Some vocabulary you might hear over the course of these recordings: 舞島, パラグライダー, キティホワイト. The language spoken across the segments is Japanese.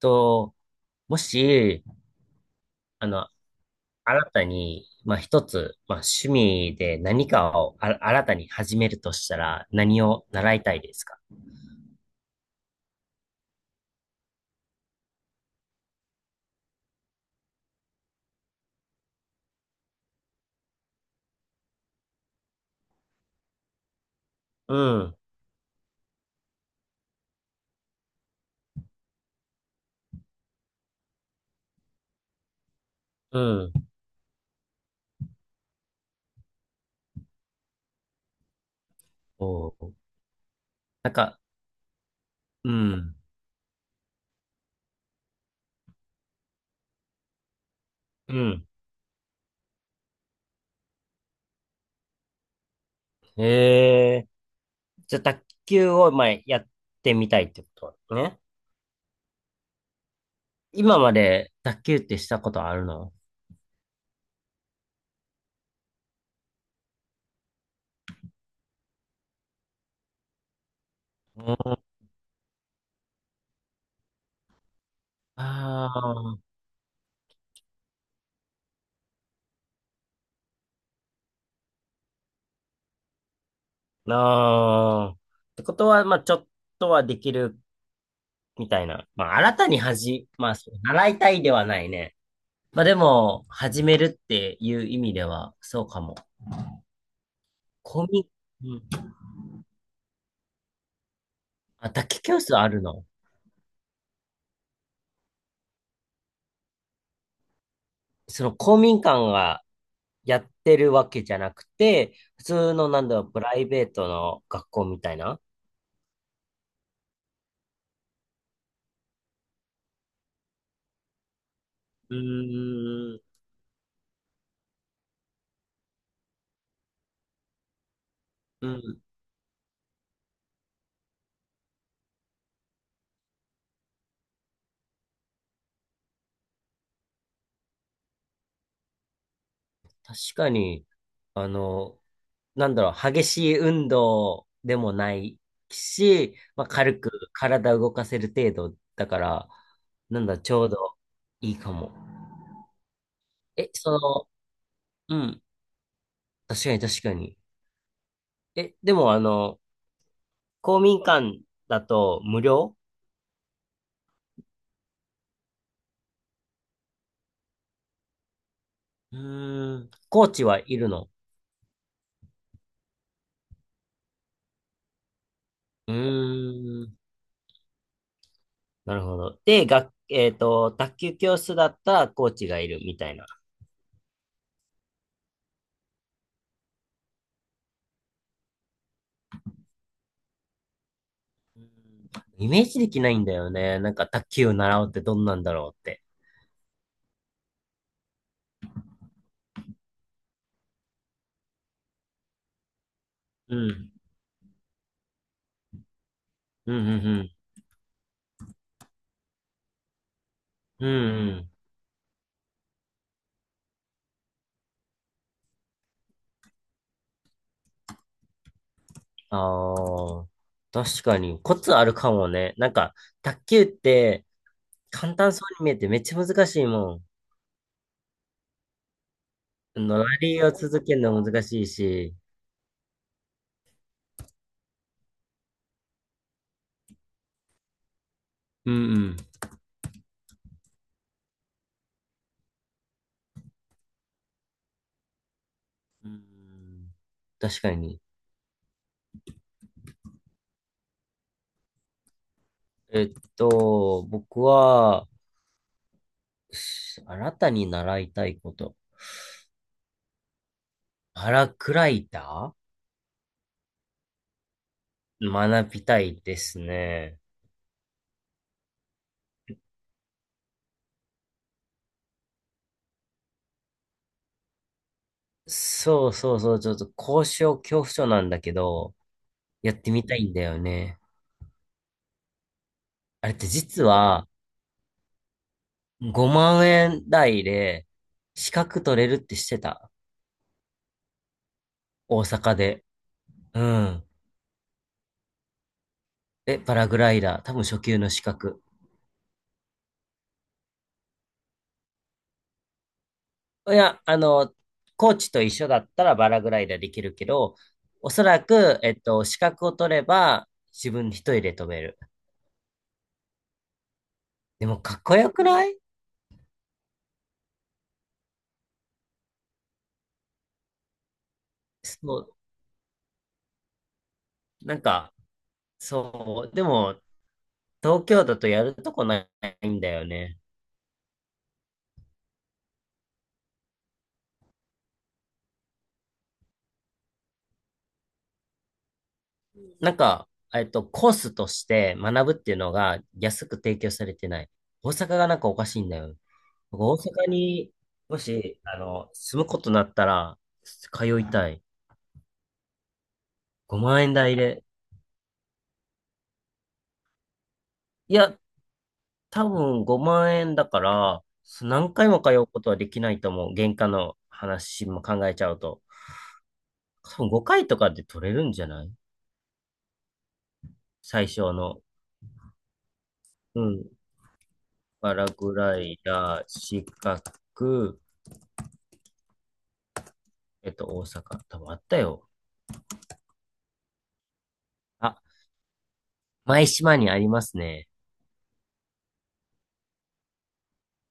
と、もし、あの、新たに、まあ、一つ、まあ、趣味で何かを新たに始めるとしたら、何を習いたいですか？うん、うん。おー。なんか、うん、うん。へえ。じゃあ、卓球を、まあ、やってみたいってことね。今まで卓球ってしたことあるの？うん。ああ、なあ。ってことは、まあ、ちょっとはできるみたいな。まあ、新たに始、まあ、そう習いたいではないね。まあ、でも、始めるっていう意味では、そうかも。公民、うん。あ、卓球教室あるの？その公民館がやってるわけじゃなくて、普通の、なんだろう、プライベートの学校みたいな。うーん、うん、確かに、あの、なんだろう、激しい運動でもないし、まあ、軽く体動かせる程度だから、なんだ、ちょうどいいかも。え、その、うん、確かに確かに。え、でも公民館だと無料？うーん、コーチはいるの？うーん、なるほど。で、学えっと、卓球教室だったらコーチがいるみたいな。うん。イメージできないんだよね。なんか卓球を習うってどんなんだろうって。うん。うんうんうん。うんうん。ああ、確かに。コツあるかもね。なんか、卓球って簡単そうに見えてめっちゃ難しいもん。のラリーを続けるの難しいし。うんうん。うん、確かに。僕は、新たに習いたいこと。パラクライター学びたいですね。そうそうそう、ちょっと高所恐怖症なんだけど、やってみたいんだよね。あれって実は、うん、5万円台で資格取れるってしてた。大阪で。うん。え、パラグライダー。多分初級の資格。いや、コーチと一緒だったらパラグライダーできるけど、おそらく、資格を取れば自分一人で飛べる。でもかっこよくない？そう。なんか、そう。でも、東京だとやるとこないんだよね。なんか、コースとして学ぶっていうのが安く提供されてない。大阪がなんかおかしいんだよ。僕大阪にもし、住むことになったら、通いたい。5万円台で。いや、多分5万円だから、何回も通うことはできないと思う。原価の話も考えちゃうと。多分5回とかで取れるんじゃない？最初の。うん。パラグライダー、四角。大阪。多分あったよ。あ、舞島にありますね。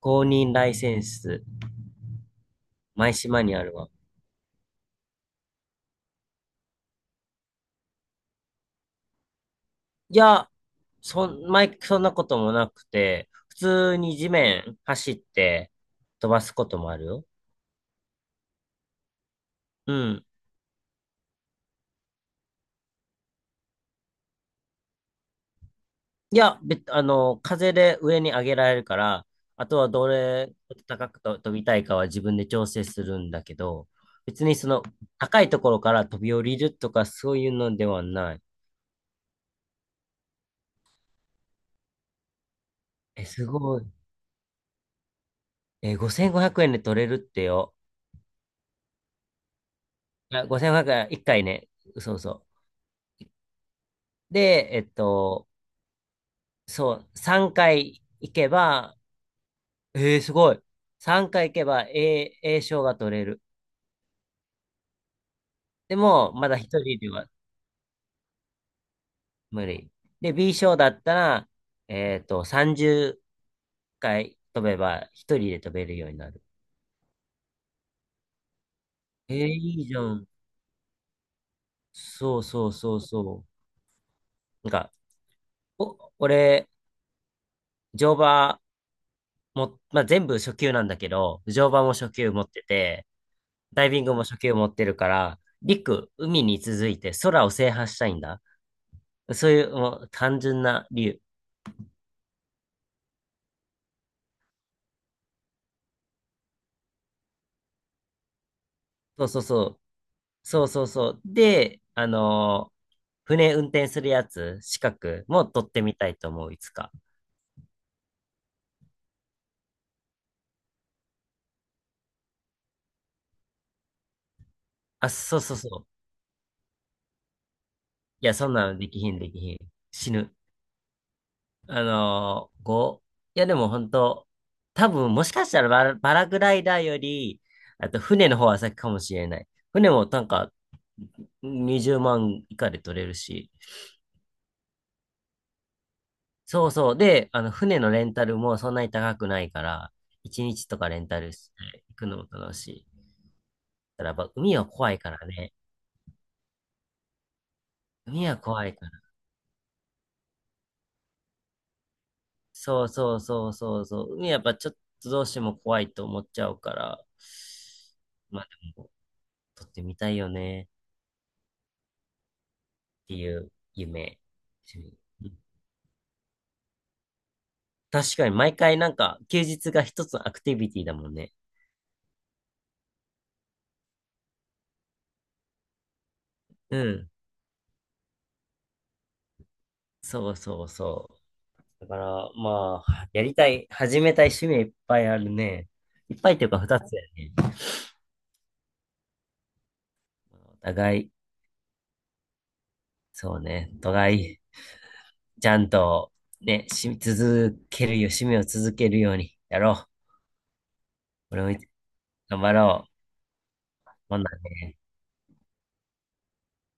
公認ライセンス、舞島にあるわ。いや、そんなこともなくて、普通に地面走って飛ばすこともあるよ。うん。いや、べ、あの、風で上に上げられるから、あとはどれ高くと飛びたいかは自分で調整するんだけど、別にその高いところから飛び降りるとかそういうのではない。え、すごい。え、5500円で取れるってよ。あ、5500円、1回ね。そうそう。で、そう、3回行けば、えー、すごい。3回行けば A 賞が取れる。でも、まだ1人では無理。で、B 賞だったら、30回飛べば、1人で飛べるようになる。えー、いいじゃん。そうそうそうそう。なんか、俺、乗馬も、まあ、全部初級なんだけど、乗馬も初級持ってて、ダイビングも初級持ってるから、陸、海に続いて空を制覇したいんだ。そういう、もう単純な理由。そうそうそう。そうそうそう。で、船運転するやつ、資格も取ってみたいと思う、いつか。あ、そうそうそう。いや、そんなのできひん、できひん。死ぬ。あのこう、いやでも本当、多分もしかしたらパラグライダーより、あと船の方は先かもしれない。船もなんか20万以下で取れるし。そうそう。で、あの船のレンタルもそんなに高くないから、1日とかレンタルして行くのも楽しい。ただやっぱ海は怖いからね。海は怖いから。そうそうそうそうそう。海はやっぱちょっとどうしても怖いと思っちゃうから、まあでも、撮ってみたいよね。っていう夢。趣味。うん。確かに毎回なんか休日が一つのアクティビティだもんね。うん。そうそうそう。だからまあ、やりたい、始めたい趣味いっぱいあるね。いっぱいっていうか二つだよね。お互い、そうね、お互い、ちゃんとね、続けるよ、趣味を続けるようにやろう。俺も頑張ろう。ほんなね。